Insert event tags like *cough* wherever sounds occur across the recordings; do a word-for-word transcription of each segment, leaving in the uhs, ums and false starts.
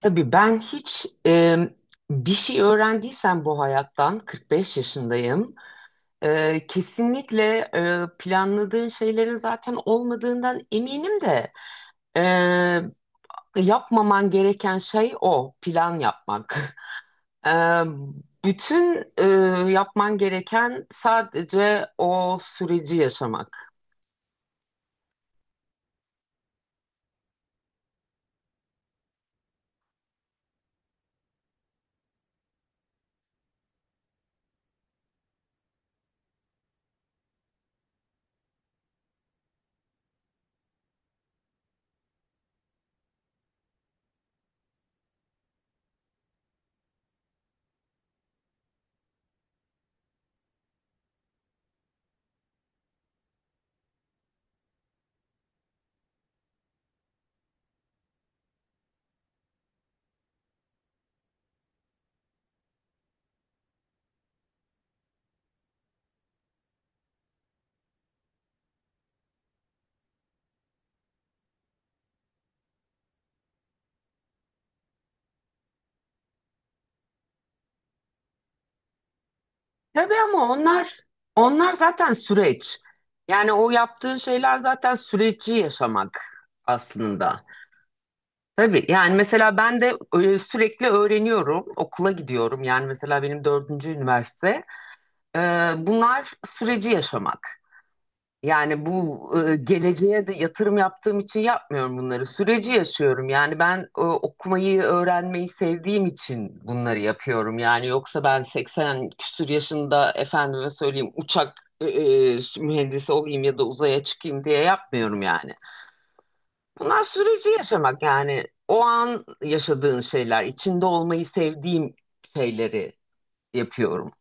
Tabii ben hiç e, bir şey öğrendiysem bu hayattan kırk beş yaşındayım. E, kesinlikle e, planladığın şeylerin zaten olmadığından eminim de e, yapmaman gereken şey o plan yapmak. *laughs* E, Bütün e, yapman gereken sadece o süreci yaşamak. Tabii ama onlar onlar zaten süreç. Yani o yaptığın şeyler zaten süreci yaşamak aslında. Tabii yani mesela ben de e, sürekli öğreniyorum, okula gidiyorum. Yani mesela benim dördüncü üniversite. E, Bunlar süreci yaşamak. Yani bu e, geleceğe de yatırım yaptığım için yapmıyorum bunları. Süreci yaşıyorum. Yani ben e, okumayı, öğrenmeyi sevdiğim için bunları yapıyorum. Yani yoksa ben seksen küsur yaşında efendime söyleyeyim uçak e, e, mühendisi olayım ya da uzaya çıkayım diye yapmıyorum yani. Bunlar süreci yaşamak yani o an yaşadığın şeyler, içinde olmayı sevdiğim şeyleri yapıyorum.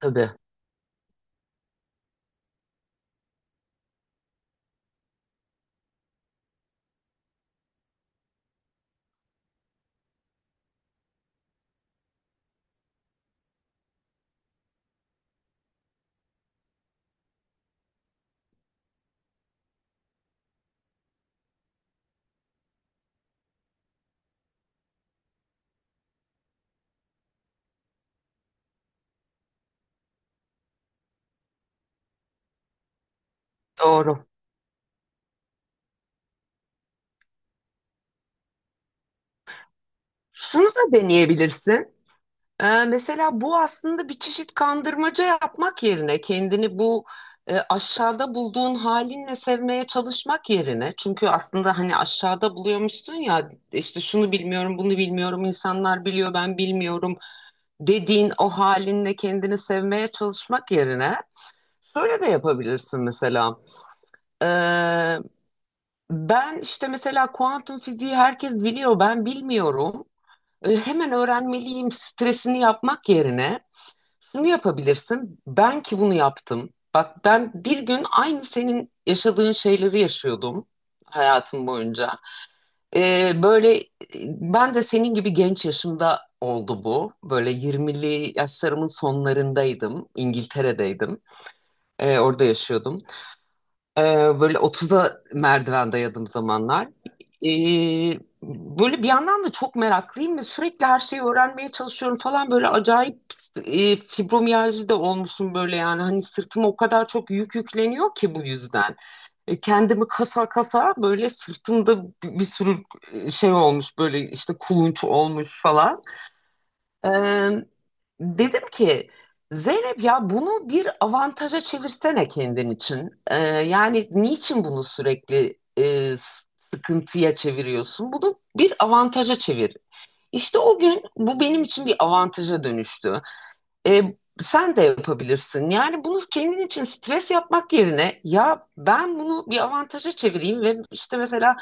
Tabii. Doğru. Şunu da deneyebilirsin. Ee, mesela bu aslında bir çeşit kandırmaca yapmak yerine kendini bu e, aşağıda bulduğun halinle sevmeye çalışmak yerine, çünkü aslında hani aşağıda buluyormuşsun ya, işte şunu bilmiyorum, bunu bilmiyorum, insanlar biliyor ben bilmiyorum dediğin o halinle kendini sevmeye çalışmak yerine şöyle de yapabilirsin mesela. Ee, Ben işte mesela kuantum fiziği herkes biliyor ben bilmiyorum, E, hemen öğrenmeliyim stresini yapmak yerine şunu yapabilirsin. Ben ki bunu yaptım. Bak, ben bir gün aynı senin yaşadığın şeyleri yaşıyordum hayatım boyunca. Ee, böyle e, Ben de senin gibi genç yaşımda oldu bu. Böyle yirmili yaşlarımın sonlarındaydım. İngiltere'deydim. Ee, orada yaşıyordum. Ee, Böyle otuza merdiven dayadığım zamanlar. Ee, Böyle bir yandan da çok meraklıyım ve sürekli her şeyi öğrenmeye çalışıyorum falan. Böyle acayip e, fibromiyalji de olmuşum böyle yani. Hani sırtıma o kadar çok yük yükleniyor ki bu yüzden. E, kendimi kasa kasa böyle sırtımda bir bir sürü şey olmuş böyle işte kulunç olmuş falan. Ee, Dedim ki Zeynep ya bunu bir avantaja çevirsene kendin için. Ee, yani niçin bunu sürekli e, sıkıntıya çeviriyorsun? Bunu bir avantaja çevir. İşte o gün bu benim için bir avantaja dönüştü. Ee, Sen de yapabilirsin. Yani bunu kendin için stres yapmak yerine ya ben bunu bir avantaja çevireyim ve işte mesela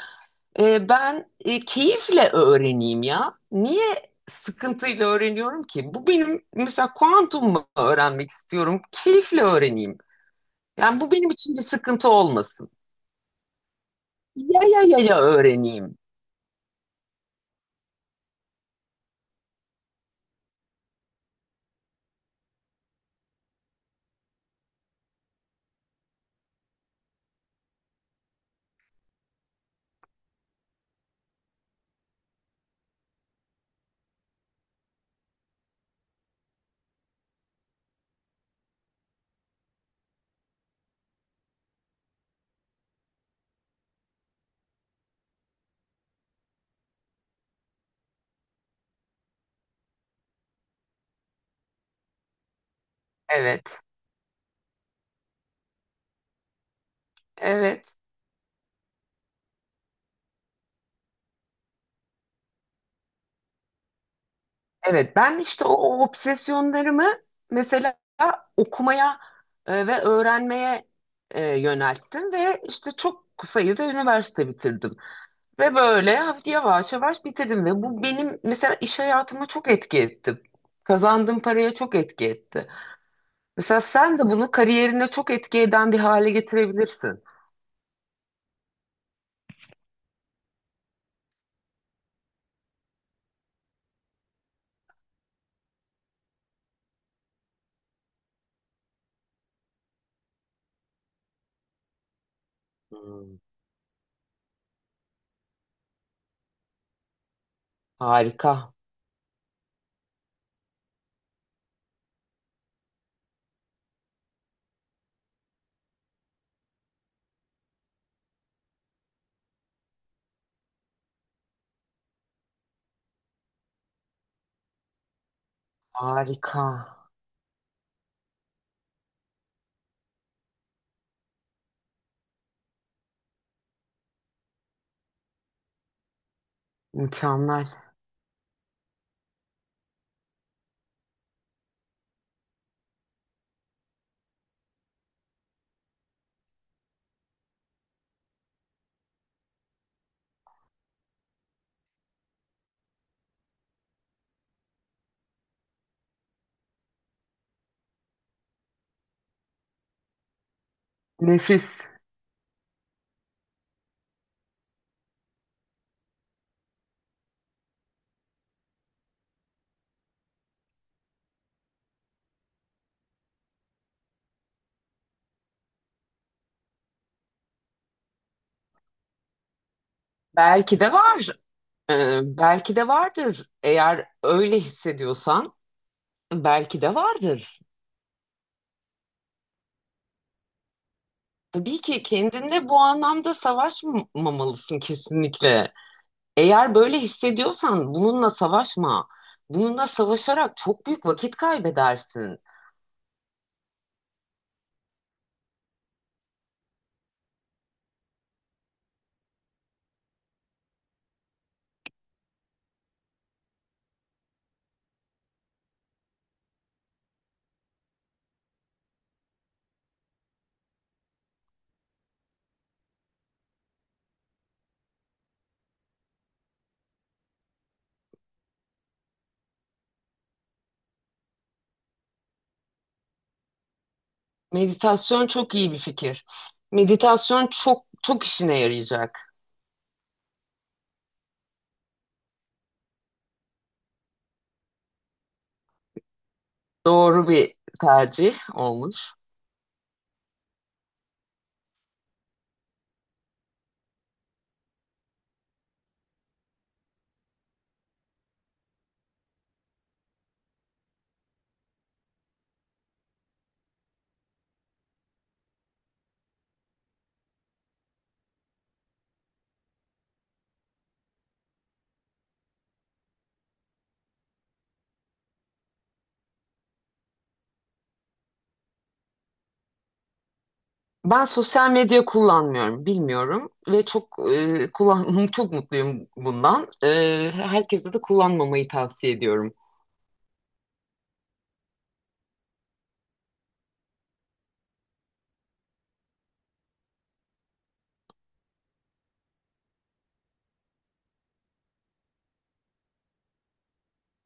e, ben e, keyifle öğreneyim ya. Niye sıkıntıyla öğreniyorum ki? Bu benim mesela kuantumu öğrenmek istiyorum. Keyifle öğreneyim. Yani bu benim için bir sıkıntı olmasın. Ya ya ya ya öğreneyim. Evet. Evet. Evet. Ben işte o, o obsesyonlarımı mesela okumaya e, ve öğrenmeye e, yönelttim ve işte çok sayıda üniversite bitirdim. Ve böyle hafif yavaş yavaş bitirdim ve bu benim mesela iş hayatıma çok etki etti. Kazandığım paraya çok etki etti. Mesela sen de bunu kariyerine çok etki eden bir hale getirebilirsin. Hmm. Harika, harika, mükemmel, nefis. Belki de var. Ee, belki de vardır. Eğer öyle hissediyorsan, belki de vardır. Tabii ki kendinle bu anlamda savaşmamalısın kesinlikle. Eğer böyle hissediyorsan bununla savaşma. Bununla savaşarak çok büyük vakit kaybedersin. Meditasyon çok iyi bir fikir. Meditasyon çok çok işine yarayacak. Doğru bir tercih olmuş. Ben sosyal medya kullanmıyorum, bilmiyorum ve çok e, kullan *laughs* çok mutluyum bundan. E, herkese de kullanmamayı tavsiye ediyorum.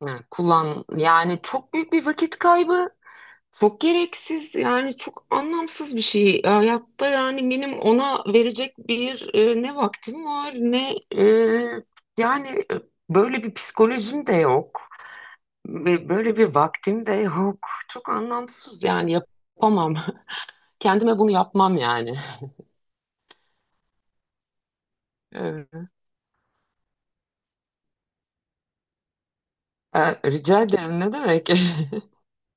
Yani kullan yani çok büyük bir vakit kaybı. Çok gereksiz yani çok anlamsız bir şey. Hayatta yani benim ona verecek bir e, ne vaktim var ne e, yani e, böyle bir psikolojim de yok. Ve böyle bir vaktim de yok. Çok anlamsız yani yapamam. *laughs* Kendime bunu yapmam yani. Ee, e, Rica ederim ne demek? *laughs*